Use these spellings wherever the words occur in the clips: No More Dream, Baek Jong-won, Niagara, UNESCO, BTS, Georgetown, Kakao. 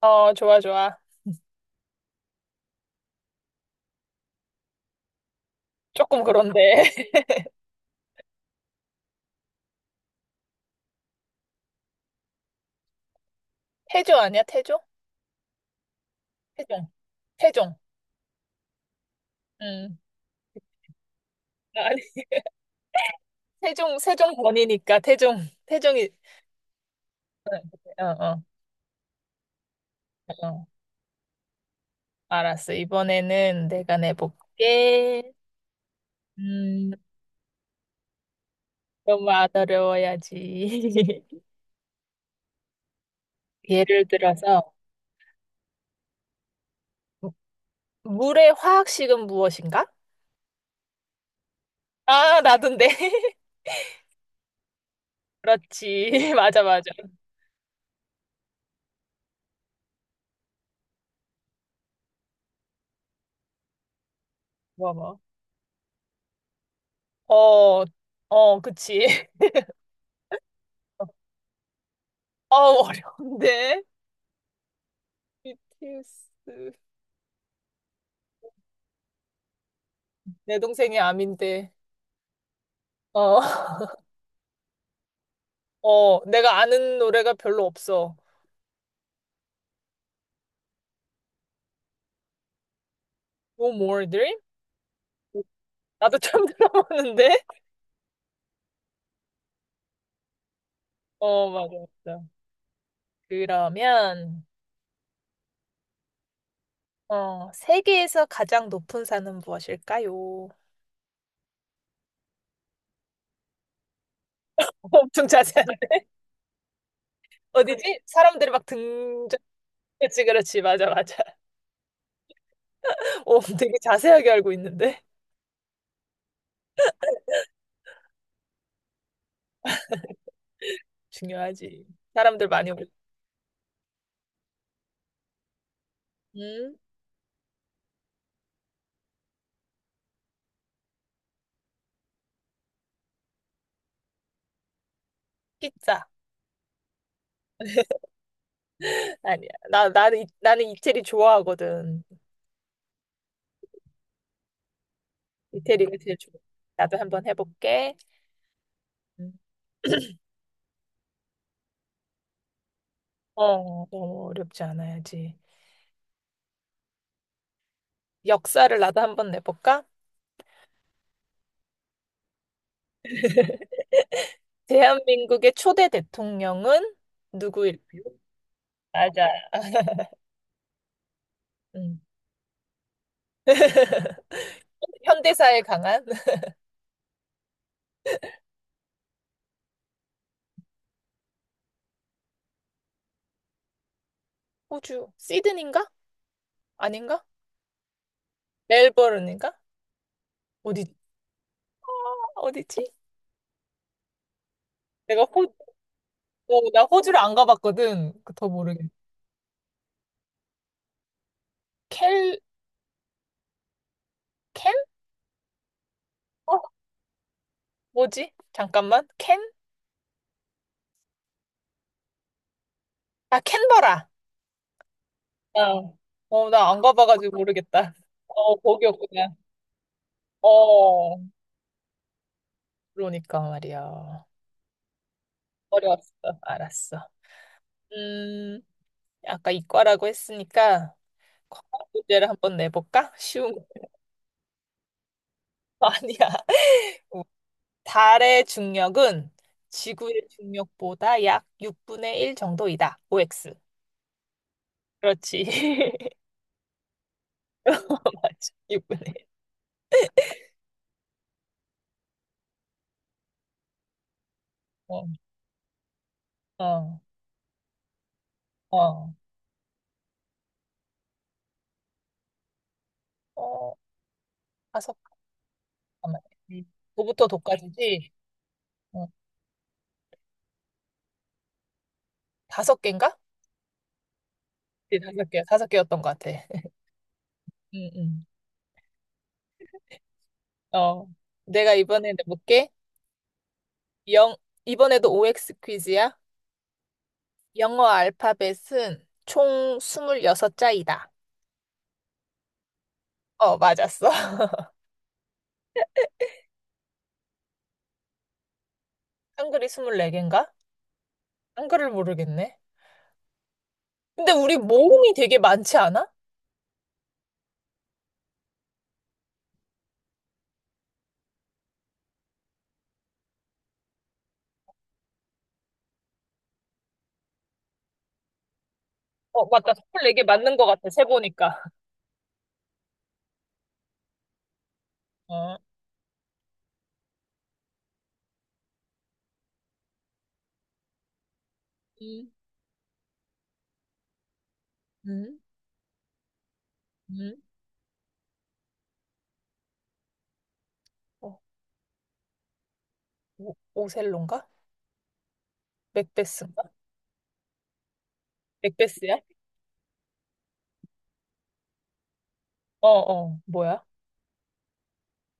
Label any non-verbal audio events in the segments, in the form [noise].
어, 좋아, 좋아. 조금 그런데. [laughs] 태조 아니야? 태조? 태종. 태종. 음. 아니, 태종, 세종 번이니까 태종. 태종이. 어, 어, 어. 알았어. 이번에는 내가 내볼게. 음, 너무 안 어려워야지. [laughs] 예를 들어서, 물의 화학식은 무엇인가? 아, 나도인데. [laughs] 그렇지. [laughs] 맞아, 맞아. 뭐, 뭐. 어, 어, 그치. [laughs] 어, 어려운데. BTS. 내 동생이 암인데. 어. [laughs] 어, 내가 아는 노래가 별로 없어. No More Dream? 나도 처음 [laughs] 들어보는데. 어, 맞아, 맞아. 그러면, 어, 세계에서 가장 높은 산은 무엇일까요? [laughs] 엄청 자세하 어디지? 사람들이 막 등장. 그렇지, 그렇지. 맞아, 맞아. 오, 되게 자세하게 알고 있는데. 중요하지. 사람들 많이 올. 음, 피자. [laughs] 아니야. 나는 이태리 좋아하거든. 이태리가 제일 좋아. 나도 한번 해볼게. 음. [clears throat] 어, 너무 어렵지 않아야지. 역사를 나도 한번 내볼까? [laughs] 대한민국의 초대 대통령은 누구일까요? 맞아. [laughs] 음. [laughs] 현대사에 강한 호주 시드니인가? 아닌가? 멜버른인가? 어디 어디지? 내가 호, 어, 나 호주를 안 가봤거든. 더 모르겠. 켈, 켄? 어, 뭐지? 잠깐만. 켄? 아, 캔버라. 나, 어, 나 안 가봐가지고 모르겠다. 어, 거기였구나. 어, 그러니까 말이야. 어려웠어. 알았어. 음, 아까 이과라고 했으니까 과학 문제를 한번 내볼까? 쉬운 거 [laughs] 아니야. 어, 달의 중력은 지구의 중력보다 약 6분의 1 정도이다. OX. 그렇지. [laughs] 맞아. 6분의 1. 어, 어, 어, 어, 다섯, 잠깐만. 도부터 도까지지? 어, 5개인가? 네, 5개, 5개였던 것 같아. 응, 응. 어, 내가 이번에 내볼게. 영, 이번에도 OX 퀴즈야. 영어 알파벳은 총 26자이다. 어, 맞았어. [laughs] 한글이 24개인가? 한글을 모르겠네. 근데 우리 모음이 되게 많지 않아? 어, 맞다. 24개 맞는 것 같아, 세보니까. [laughs] 어, 음, 음, 음. 어, 오, 오셀로인가? 맥베스인가? 맥베스야? 어, 어, 뭐야?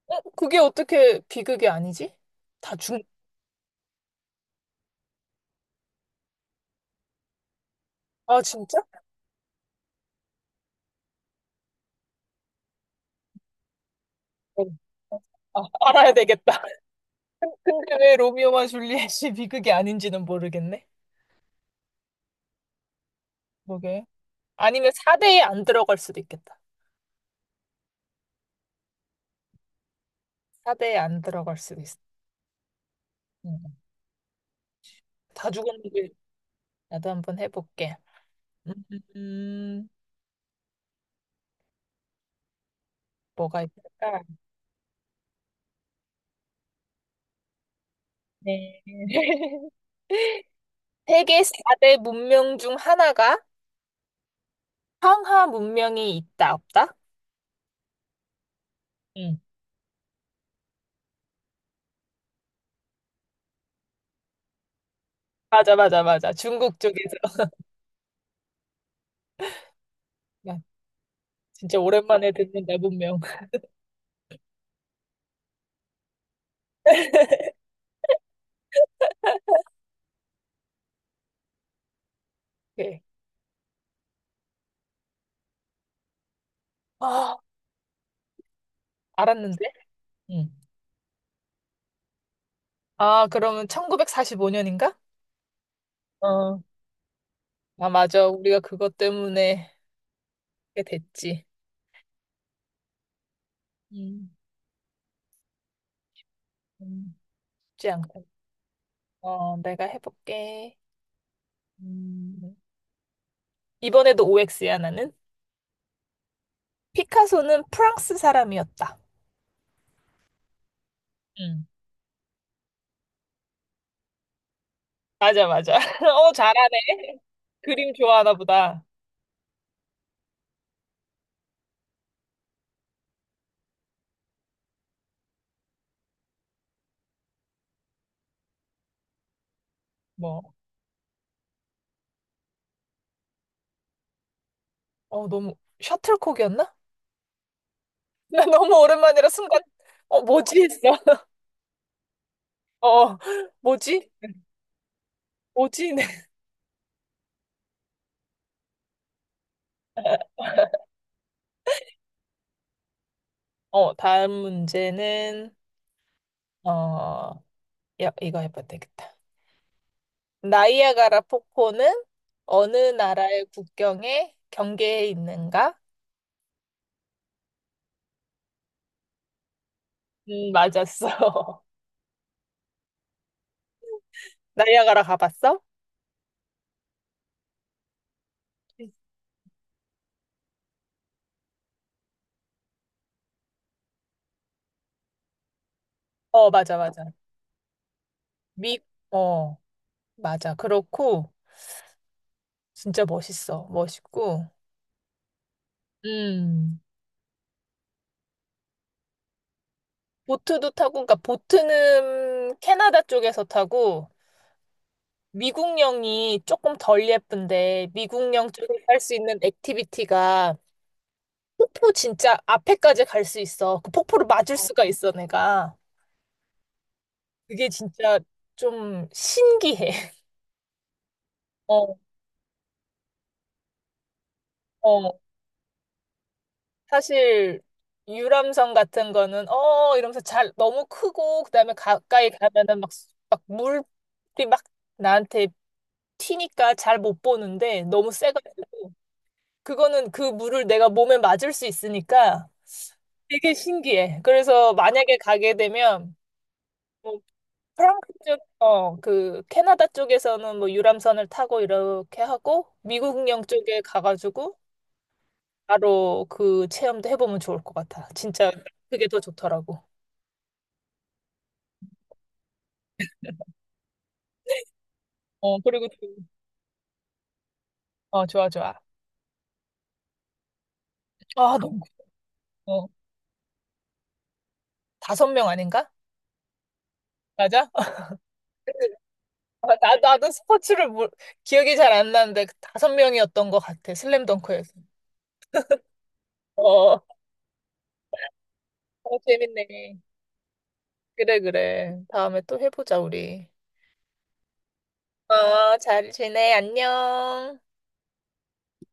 어, 그게 어떻게 비극이 아니지? 다중 아, 진짜? 네. 아, 알아야 되겠다. [laughs] 근데 왜 로미오와 줄리엣이 비극이 아닌지는 모르겠네. 그러게. 아니면 4대에 안 들어갈 수도 있겠다. 4대에 안 들어갈 수도 있어. 음. 다 죽었는데 나도 한번 해볼게. 음, 뭐가 있을까? 네. [laughs] 세계 4대 문명 중 하나가 황하 문명이 있다, 없다? 응. 맞아, 맞아, 맞아. 중국 쪽에서. [laughs] 야, 진짜 오랜만에 듣는다, 문명. [laughs] 오케이. 아, 알았는데? 응. 아, 그러면 1945년인가? 어. 아, 맞아. 우리가 그것 때문에 그게 됐지. 음. 음. 쉽지 않고. 어, 내가 해볼게. 음. 이번에도 OX야, 나는. 피카소는 프랑스 사람이었다. 응. 맞아, 맞아. [laughs] 어, 잘하네. 그림 좋아하나 보다. 뭐. 어, 너무, 셔틀콕이었나? [laughs] 나 너무 오랜만이라 순간, 어, 뭐지 했어. [laughs] 어, 뭐지? 뭐지? [laughs] 네. 어, 다음 문제는, 어, 야, 이거 해봐도 되겠다. 나이아가라 폭포는 어느 나라의 국경에 경계에 있는가? 맞았어. [laughs] 나이아가라 가봤어? 어, 맞아, 맞아. 미, 어, 맞아. 그렇고, 진짜 멋있어. 멋있고. 음, 보트도 타고, 그러니까 보트는 캐나다 쪽에서 타고, 미국령이 조금 덜 예쁜데, 미국령 쪽에서 할 수 있는 액티비티가 폭포 진짜 앞에까지 갈 수 있어. 그 폭포를 맞을 수가 있어, 내가. 그게 진짜 좀 신기해. [laughs] 어, 어. 사실 유람선 같은 거는 이러면서 잘 너무 크고 그다음에 가까이 가면은 막, 막 물이 막 나한테 튀니까 잘 못 보는데 너무 세가지고 그거는 그 물을 내가 몸에 맞을 수 있으니까 되게 신기해. 그래서 만약에 가게 되면 뭐 프랑스 쪽, 그 캐나다 쪽에서는 뭐 유람선을 타고 이렇게 하고 미국령 쪽에 가가지고 바로 그 체험도 해보면 좋을 것 같아. 진짜 그게 더 좋더라고. 어, 그리고 또- 어, 좋아, 좋아. 아, 너무 어, 5명 아닌가? 맞아? [laughs] 아, 나도 스포츠를 몰, 기억이 잘 안 나는데 그 5명이었던 것 같아. 슬램덩크에서. 어, 어, 재밌네. 그래, 그래. 다음에 또 해보자, 우리. 어, 잘 지내. 안녕.